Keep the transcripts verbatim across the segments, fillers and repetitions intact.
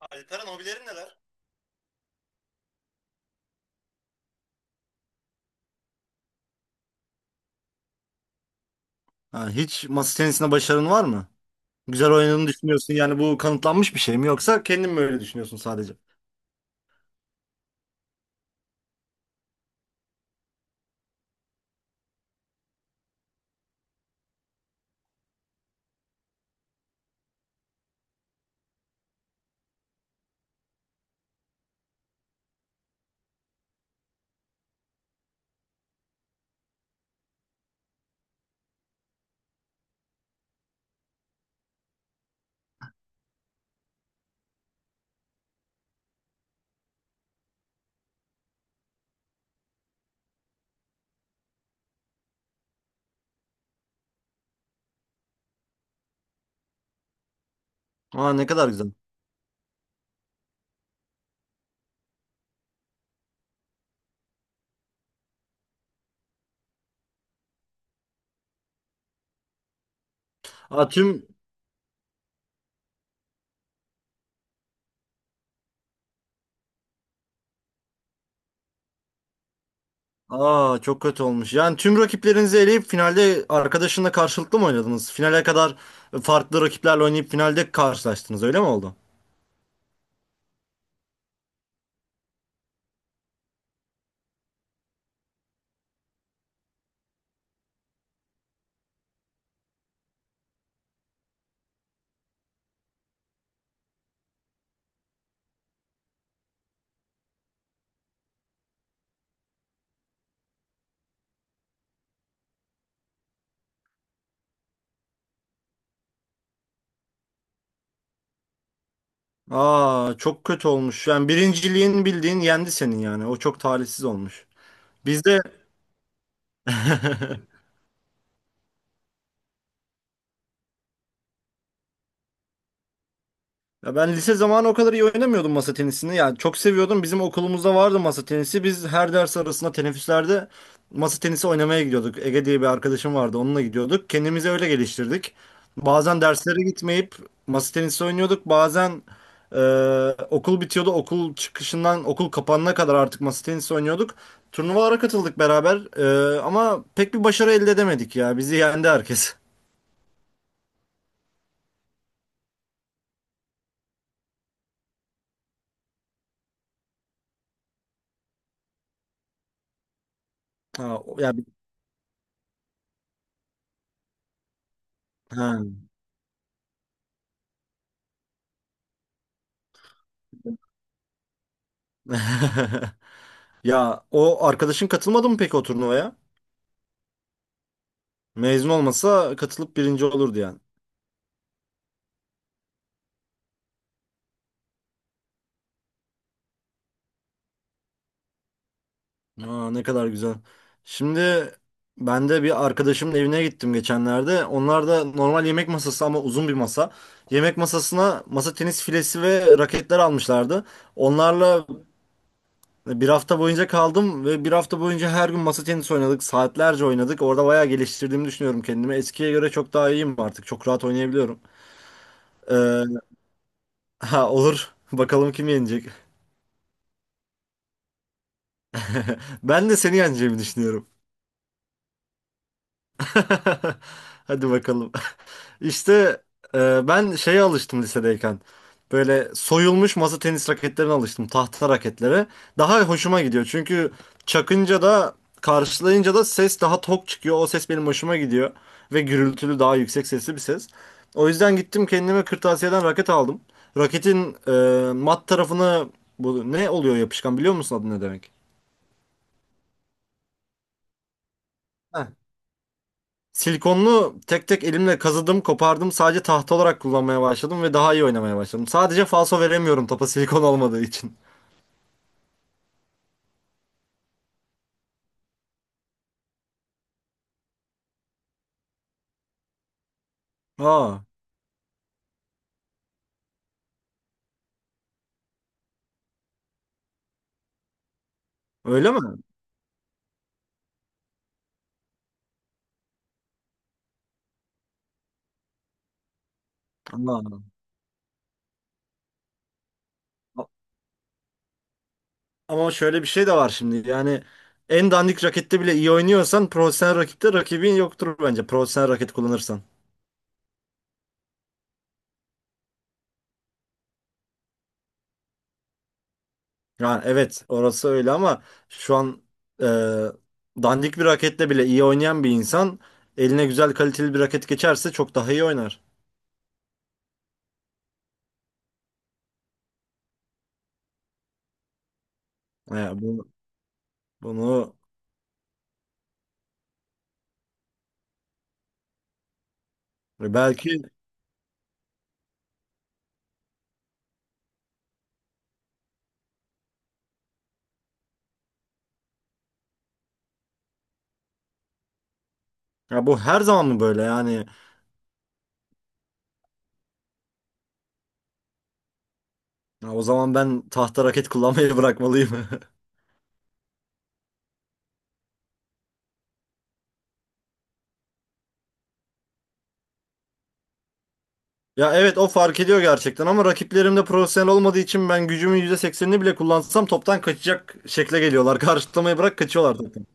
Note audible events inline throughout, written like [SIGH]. Alperen hobilerin neler? Ha, hiç masa tenisinde başarın var mı? Güzel oynadığını düşünüyorsun yani bu kanıtlanmış bir şey mi yoksa kendin mi öyle düşünüyorsun sadece? Aa ne kadar güzel. Aa tüm. Aa çok kötü olmuş. Yani tüm rakiplerinizi eleyip finalde arkadaşınla karşılıklı mı oynadınız? Finale kadar farklı rakiplerle oynayıp finalde karşılaştınız, öyle mi oldu? Aa çok kötü olmuş. Yani birinciliğin bildiğin yendi senin yani. O çok talihsiz olmuş. Bizde. [LAUGHS] Ya ben lise zamanı o kadar iyi oynamıyordum masa tenisini. Yani çok seviyordum. Bizim okulumuzda vardı masa tenisi. Biz her ders arasında teneffüslerde masa tenisi oynamaya gidiyorduk. Ege diye bir arkadaşım vardı. Onunla gidiyorduk. Kendimizi öyle geliştirdik. Bazen derslere gitmeyip masa tenisi oynuyorduk. Bazen e, okul bitiyordu. Okul çıkışından okul kapanana kadar artık masa tenisi oynuyorduk. Turnuvalara katıldık beraber. E, ama pek bir başarı elde edemedik ya. Bizi yendi herkes. Ha, o- ya, bi- ha. [LAUGHS] Ya o arkadaşın katılmadı mı peki o turnuvaya? Mezun olmasa katılıp birinci olurdu yani. Aa, ne kadar güzel. Şimdi ben de bir arkadaşımın evine gittim geçenlerde. Onlar da normal yemek masası ama uzun bir masa. Yemek masasına masa tenis filesi ve raketler almışlardı. Onlarla bir hafta boyunca kaldım ve bir hafta boyunca her gün masa tenisi oynadık. Saatlerce oynadık. Orada bayağı geliştirdiğimi düşünüyorum kendimi. Eskiye göre çok daha iyiyim artık. Çok rahat oynayabiliyorum. Ee, [LAUGHS] ha, olur. Bakalım kim yenecek. [LAUGHS] Ben de seni yeneceğimi düşünüyorum. [LAUGHS] Hadi bakalım. [LAUGHS] İşte e, ben şeye alıştım lisedeyken. Böyle soyulmuş masa tenis raketlerine alıştım. Tahta raketlere. Daha hoşuma gidiyor. Çünkü çakınca da karşılayınca da ses daha tok çıkıyor. O ses benim hoşuma gidiyor. Ve gürültülü daha yüksek sesli bir ses. O yüzden gittim kendime kırtasiyeden raket aldım. Raketin e, mat tarafını, bu ne oluyor yapışkan, biliyor musun adı ne demek? Heh, silikonlu tek tek elimle kazıdım, kopardım. Sadece tahta olarak kullanmaya başladım ve daha iyi oynamaya başladım. Sadece falso veremiyorum topa, silikon olmadığı için. Aa, öyle mi? Allah Allah. Ama şöyle bir şey de var şimdi. Yani en dandik rakette bile iyi oynuyorsan profesyonel rakipte rakibin yoktur bence. Profesyonel raket kullanırsan. Yani evet, orası öyle ama şu an e, dandik bir raketle bile iyi oynayan bir insan eline güzel kaliteli bir raket geçerse çok daha iyi oynar. Yani bunu, bunu belki. Ya bu her zaman mı böyle yani? Ya o zaman ben tahta raket kullanmayı [LAUGHS] bırakmalıyım. [LAUGHS] Ya evet, o fark ediyor gerçekten ama rakiplerim de profesyonel olmadığı için ben gücümün yüzde seksenini bile kullansam toptan kaçacak şekle geliyorlar. [LAUGHS] Karşılamayı bırak, kaçıyorlar toptan.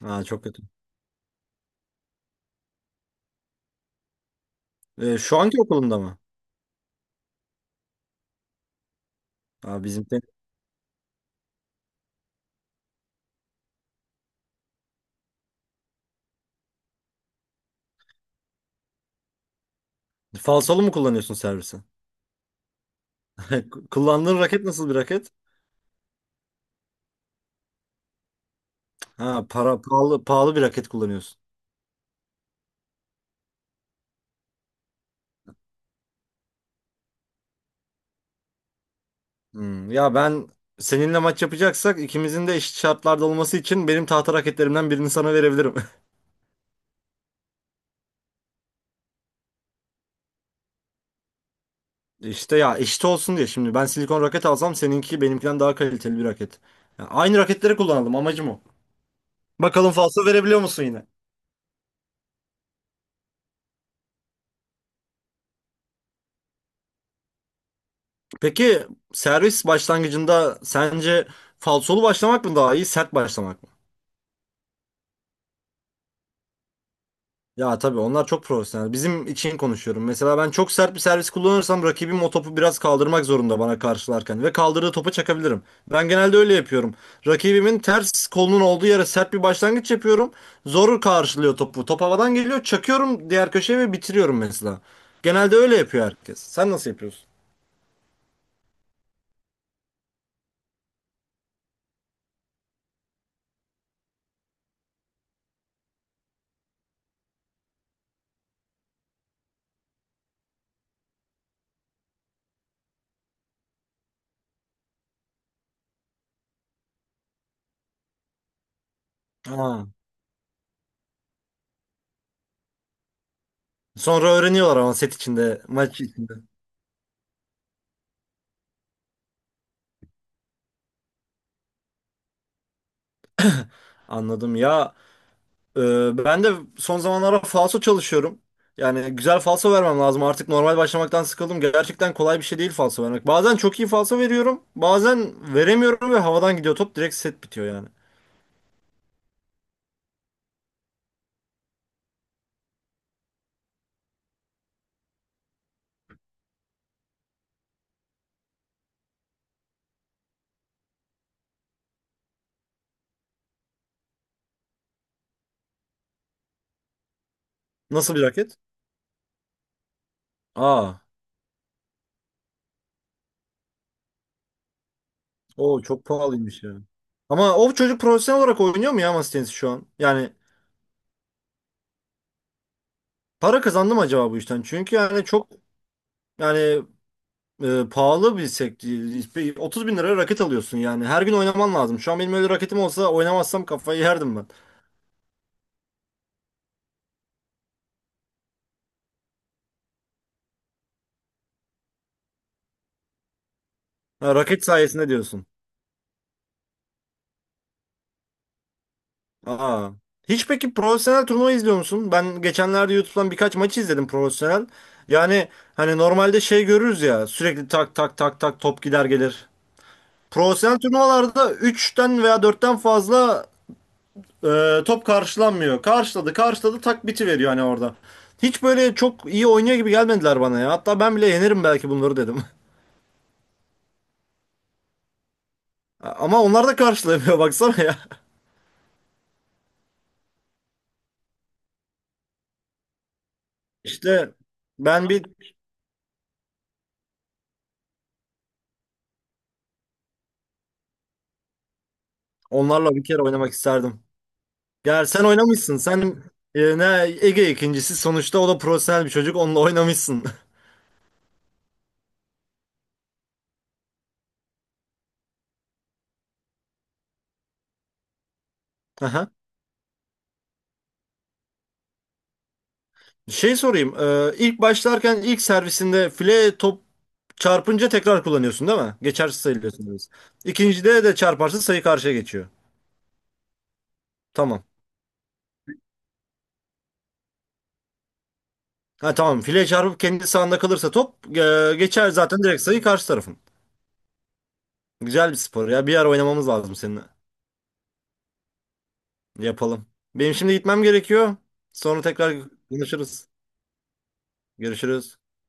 Ha, çok kötü. E, şu anki okulunda mı? Ha, bizim te- falsolu mu kullanıyorsun servisi? [LAUGHS] Kullandığın raket nasıl bir raket? Ha, para pahalı pahalı bir raket kullanıyorsun. Hmm, ya ben seninle maç yapacaksak ikimizin de eşit şartlarda olması için benim tahta raketlerimden birini sana verebilirim. [LAUGHS] İşte ya eşit olsun diye, şimdi ben silikon raket alsam seninki benimkinden daha kaliteli bir raket. Ya aynı raketleri kullanalım, amacım o. Bakalım falso verebiliyor musun yine? Peki servis başlangıcında sence falsolu başlamak mı daha iyi, sert başlamak mı? Ya tabii onlar çok profesyonel. Bizim için konuşuyorum. Mesela ben çok sert bir servis kullanırsam rakibim o topu biraz kaldırmak zorunda bana karşılarken ve kaldırdığı topa çakabilirim. Ben genelde öyle yapıyorum. Rakibimin ters kolunun olduğu yere sert bir başlangıç yapıyorum. Zor karşılıyor topu. Top havadan geliyor, çakıyorum diğer köşeye ve bitiriyorum mesela. Genelde öyle yapıyor herkes. Sen nasıl yapıyorsun? Ha. Sonra öğreniyorlar ama set içinde, maç içinde. Anladım ya. Ee, ben de son zamanlarda falso çalışıyorum. Yani güzel falso vermem lazım. Artık normal başlamaktan sıkıldım. Gerçekten kolay bir şey değil falso vermek. Bazen çok iyi falso veriyorum. Bazen veremiyorum ve havadan gidiyor top. Direkt set bitiyor yani. Nasıl bir raket? Aa, o çok pahalıymış ya. Ama o çocuk profesyonel olarak oynuyor mu ya masa tenisi şu an? Yani para kazandı mı acaba bu işten? Çünkü yani çok yani e, pahalı bir sektör. otuz bin liraya raket alıyorsun yani. Her gün oynaman lazım. Şu an benim öyle raketim olsa oynamazsam kafayı yerdim ben. Ha, raket sayesinde diyorsun. Aa. Hiç peki profesyonel turnuva izliyor musun? Ben geçenlerde YouTube'dan birkaç maçı izledim profesyonel. Yani hani normalde şey görürüz ya, sürekli tak tak tak tak top gider gelir. Profesyonel turnuvalarda üçten veya dörtten fazla e, top karşılanmıyor. Karşıladı karşıladı tak biti veriyor hani orada. Hiç böyle çok iyi oynuyor gibi gelmediler bana ya. Hatta ben bile yenerim belki bunları dedim. [LAUGHS] Ama onlar da karşılamıyor [LAUGHS] baksana ya. İşte ben bir onlarla bir kere oynamak isterdim. Ya sen oynamışsın. Sen e, ne Ege ikincisi sonuçta, o da profesyonel bir çocuk. Onunla oynamışsın. [LAUGHS] Aha. Şey sorayım. E, ilk başlarken ilk servisinde file top çarpınca tekrar kullanıyorsun değil mi? Geçersiz sayılıyorsun. Biz. İkincide de çarparsa sayı karşıya geçiyor. Tamam. Ha, tamam. File çarpıp kendi sahanda kalırsa top e, geçer zaten, direkt sayı karşı tarafın. Güzel bir spor ya. Bir ara oynamamız lazım seninle. Yapalım. Benim şimdi gitmem gerekiyor. Sonra tekrar konuşuruz. Görüşürüz.